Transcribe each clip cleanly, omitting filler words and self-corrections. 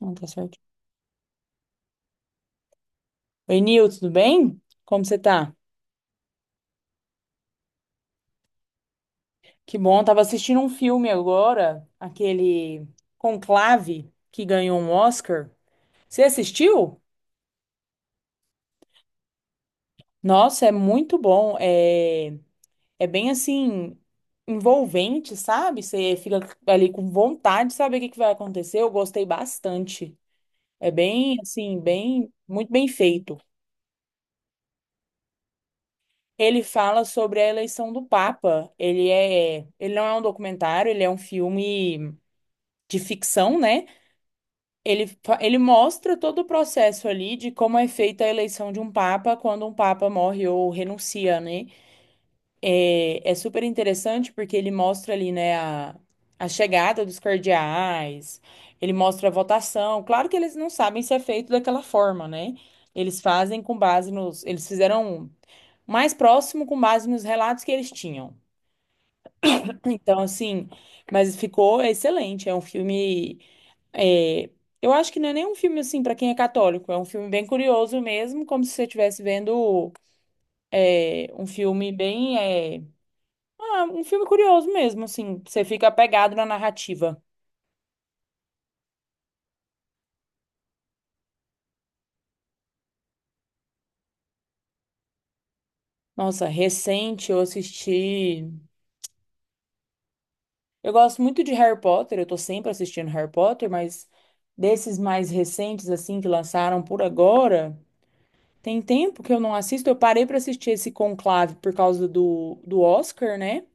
Não, tá certo. Oi, Nil, tudo bem? Como você tá? Que bom, tava assistindo um filme agora, aquele Conclave, que ganhou um Oscar. Você assistiu? Nossa, é muito bom. É bem assim, envolvente, sabe? Você fica ali com vontade de saber o que vai acontecer. Eu gostei bastante. É bem assim, muito bem feito. Ele fala sobre a eleição do Papa. Ele não é um documentário, ele é um filme de ficção, né? Ele mostra todo o processo ali de como é feita a eleição de um papa quando um papa morre ou renuncia, né? É super interessante porque ele mostra ali, né, a chegada dos cardeais, ele mostra a votação. Claro que eles não sabem se é feito daquela forma, né? Eles fazem com base nos. Eles fizeram mais próximo com base nos relatos que eles tinham. Então, assim, mas ficou excelente. É um filme. É, eu acho que não é nem um filme assim pra quem é católico, é um filme bem curioso mesmo, como se você estivesse vendo um filme um filme curioso mesmo, assim, você fica apegado na narrativa. Nossa, recente eu assisti. Eu gosto muito de Harry Potter, eu tô sempre assistindo Harry Potter, mas desses mais recentes assim que lançaram por agora, tem tempo que eu não assisto. Eu parei pra assistir esse Conclave por causa do Oscar, né?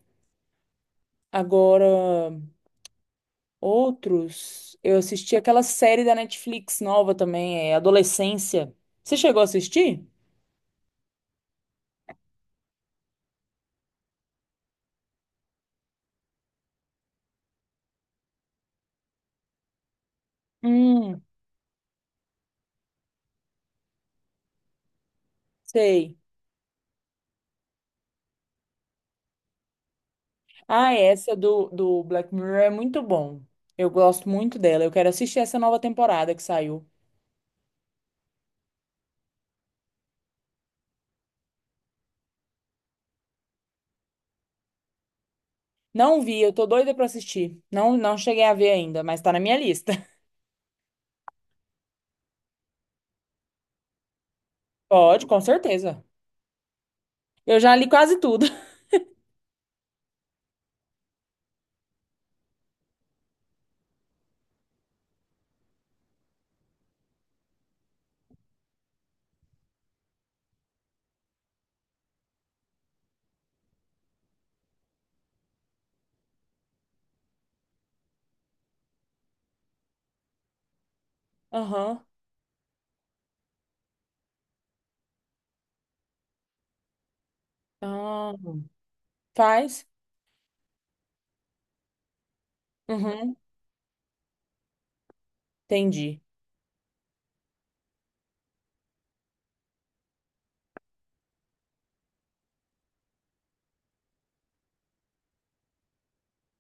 Agora outros, eu assisti aquela série da Netflix nova também, é Adolescência. Você chegou a assistir? Hum, sei. Ah, é, essa do Black Mirror é muito bom. Eu gosto muito dela. Eu quero assistir essa nova temporada que saiu. Não vi, eu tô doida pra assistir. Não, não cheguei a ver ainda, mas tá na minha lista. Pode, com certeza. Eu já li quase tudo. Aham. Ah, faz? Uhum. Entendi.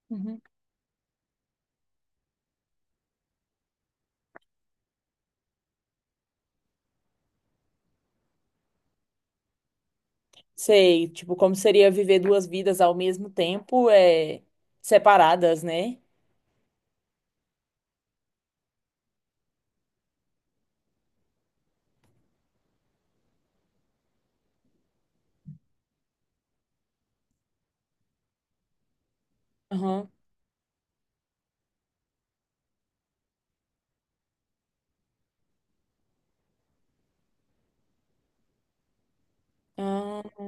Uhum. Sei, tipo, como seria viver duas vidas ao mesmo tempo, separadas, né? Aham, ah,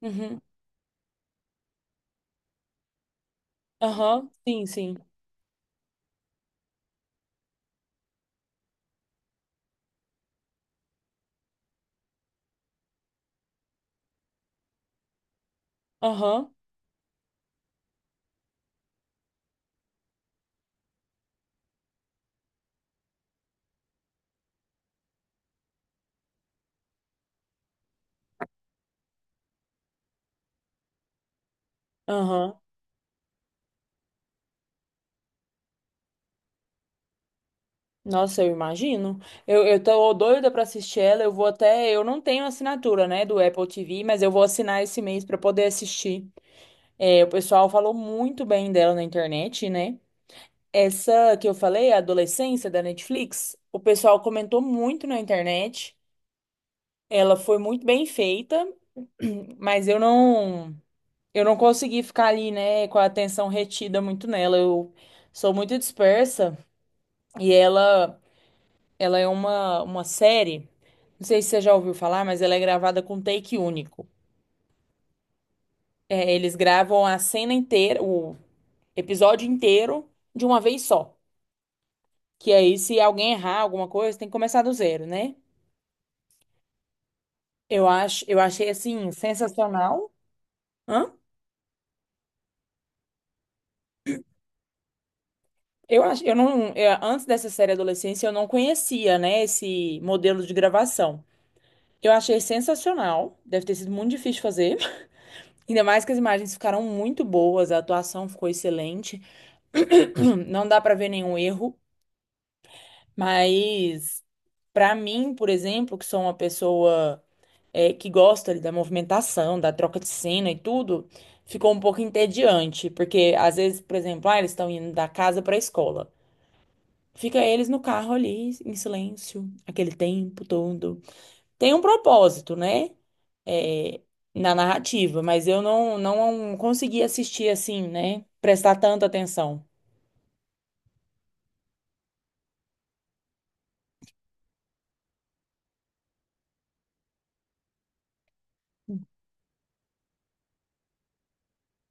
uhum, aham, sim, sim, aham, aham. Nossa, eu imagino. Eu tô doida pra assistir ela, eu vou até, eu não tenho assinatura, né, do Apple TV, mas eu vou assinar esse mês pra poder assistir. É, o pessoal falou muito bem dela na internet, né? Essa que eu falei, a Adolescência da Netflix, o pessoal comentou muito na internet. Ela foi muito bem feita, mas eu não, eu não consegui ficar ali, né, com a atenção retida muito nela. Eu sou muito dispersa e ela é uma série. Não sei se você já ouviu falar, mas ela é gravada com take único. É, eles gravam a cena inteira, o episódio inteiro de uma vez só. Que aí, se alguém errar alguma coisa, tem que começar do zero, né? Eu achei assim sensacional. Hã? Eu acho, eu não, eu- antes dessa série Adolescência, eu não conhecia, né, esse modelo de gravação. Eu achei sensacional, deve ter sido muito difícil fazer. Ainda mais que as imagens ficaram muito boas, a atuação ficou excelente. Não dá pra ver nenhum erro, mas pra mim, por exemplo, que sou uma pessoa que gosta ali, da movimentação, da troca de cena e tudo, ficou um pouco entediante, porque às vezes, por exemplo, ah, eles estão indo da casa pra escola. Fica eles no carro ali, em silêncio, aquele tempo todo. Tem um propósito, né? É, na narrativa, mas eu não, não consegui assistir assim, né? Prestar tanta atenção.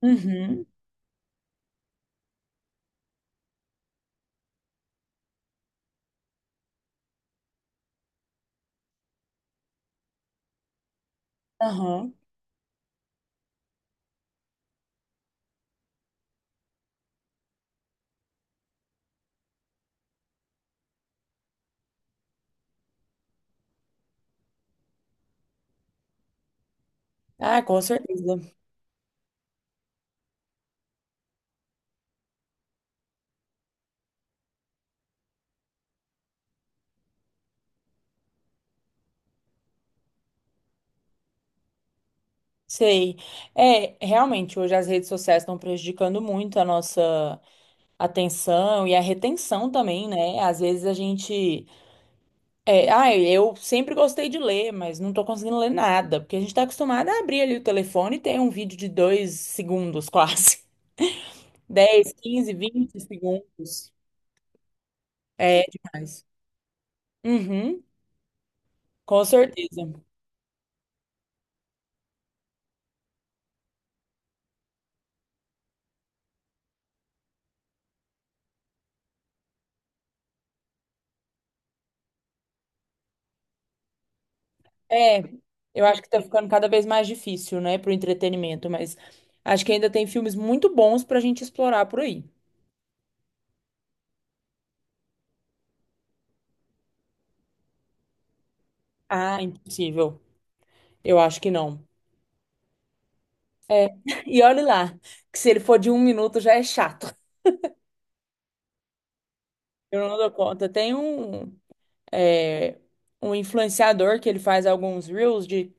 Uhum. Aham. Ah, com certeza. Sei. É, realmente, hoje as redes sociais estão prejudicando muito a nossa atenção e a retenção também, né? Às vezes a gente é, ai, eu sempre gostei de ler, mas não tô conseguindo ler nada, porque a gente tá acostumado a abrir ali o telefone e tem um vídeo de dois segundos, quase. Dez, 15, 20 segundos. É demais. Uhum, com certeza. É, eu acho que tá ficando cada vez mais difícil, né, pro entretenimento, mas acho que ainda tem filmes muito bons pra gente explorar por aí. Ah, impossível. Eu acho que não. E olhe lá, que se ele for de um minuto já é chato. Eu não dou conta. É, um influenciador que ele faz alguns reels de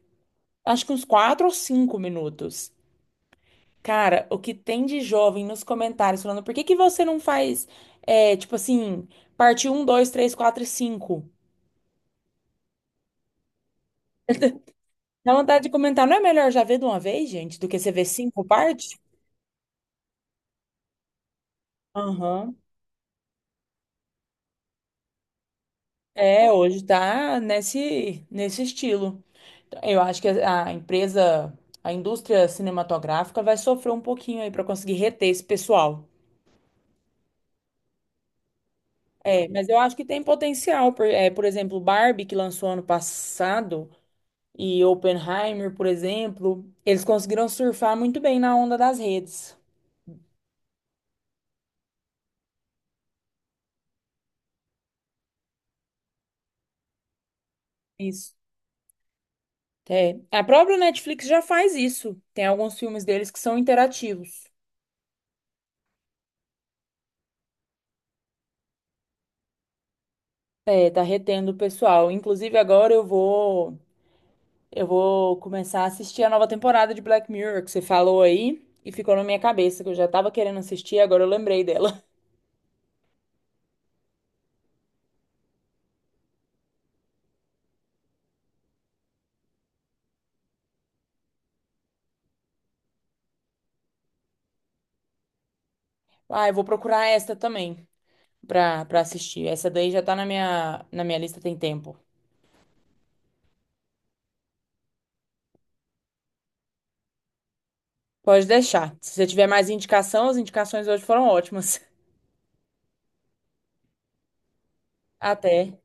acho que uns 4 ou 5 minutos. Cara, o que tem de jovem nos comentários falando por que que você não faz, tipo assim, parte um 2 3 4 e cinco. Dá vontade de comentar, não é melhor já ver de uma vez, gente, do que você ver cinco partes? Aham. É, hoje tá nesse, nesse estilo. Então, eu acho que a empresa, a indústria cinematográfica vai sofrer um pouquinho aí para conseguir reter esse pessoal. É, mas eu acho que tem potencial. Por exemplo, Barbie, que lançou ano passado, e Oppenheimer, por exemplo, eles conseguiram surfar muito bem na onda das redes. Isso. É. A própria Netflix já faz isso. Tem alguns filmes deles que são interativos. É, tá retendo o pessoal. Inclusive, eu vou começar a assistir a nova temporada de Black Mirror, que você falou aí, e ficou na minha cabeça, que eu já tava querendo assistir, agora eu lembrei dela. Ah, eu vou procurar esta também pra assistir. Essa daí já tá na minha lista tem tempo. Pode deixar. Se você tiver mais indicação, as indicações hoje foram ótimas. Até.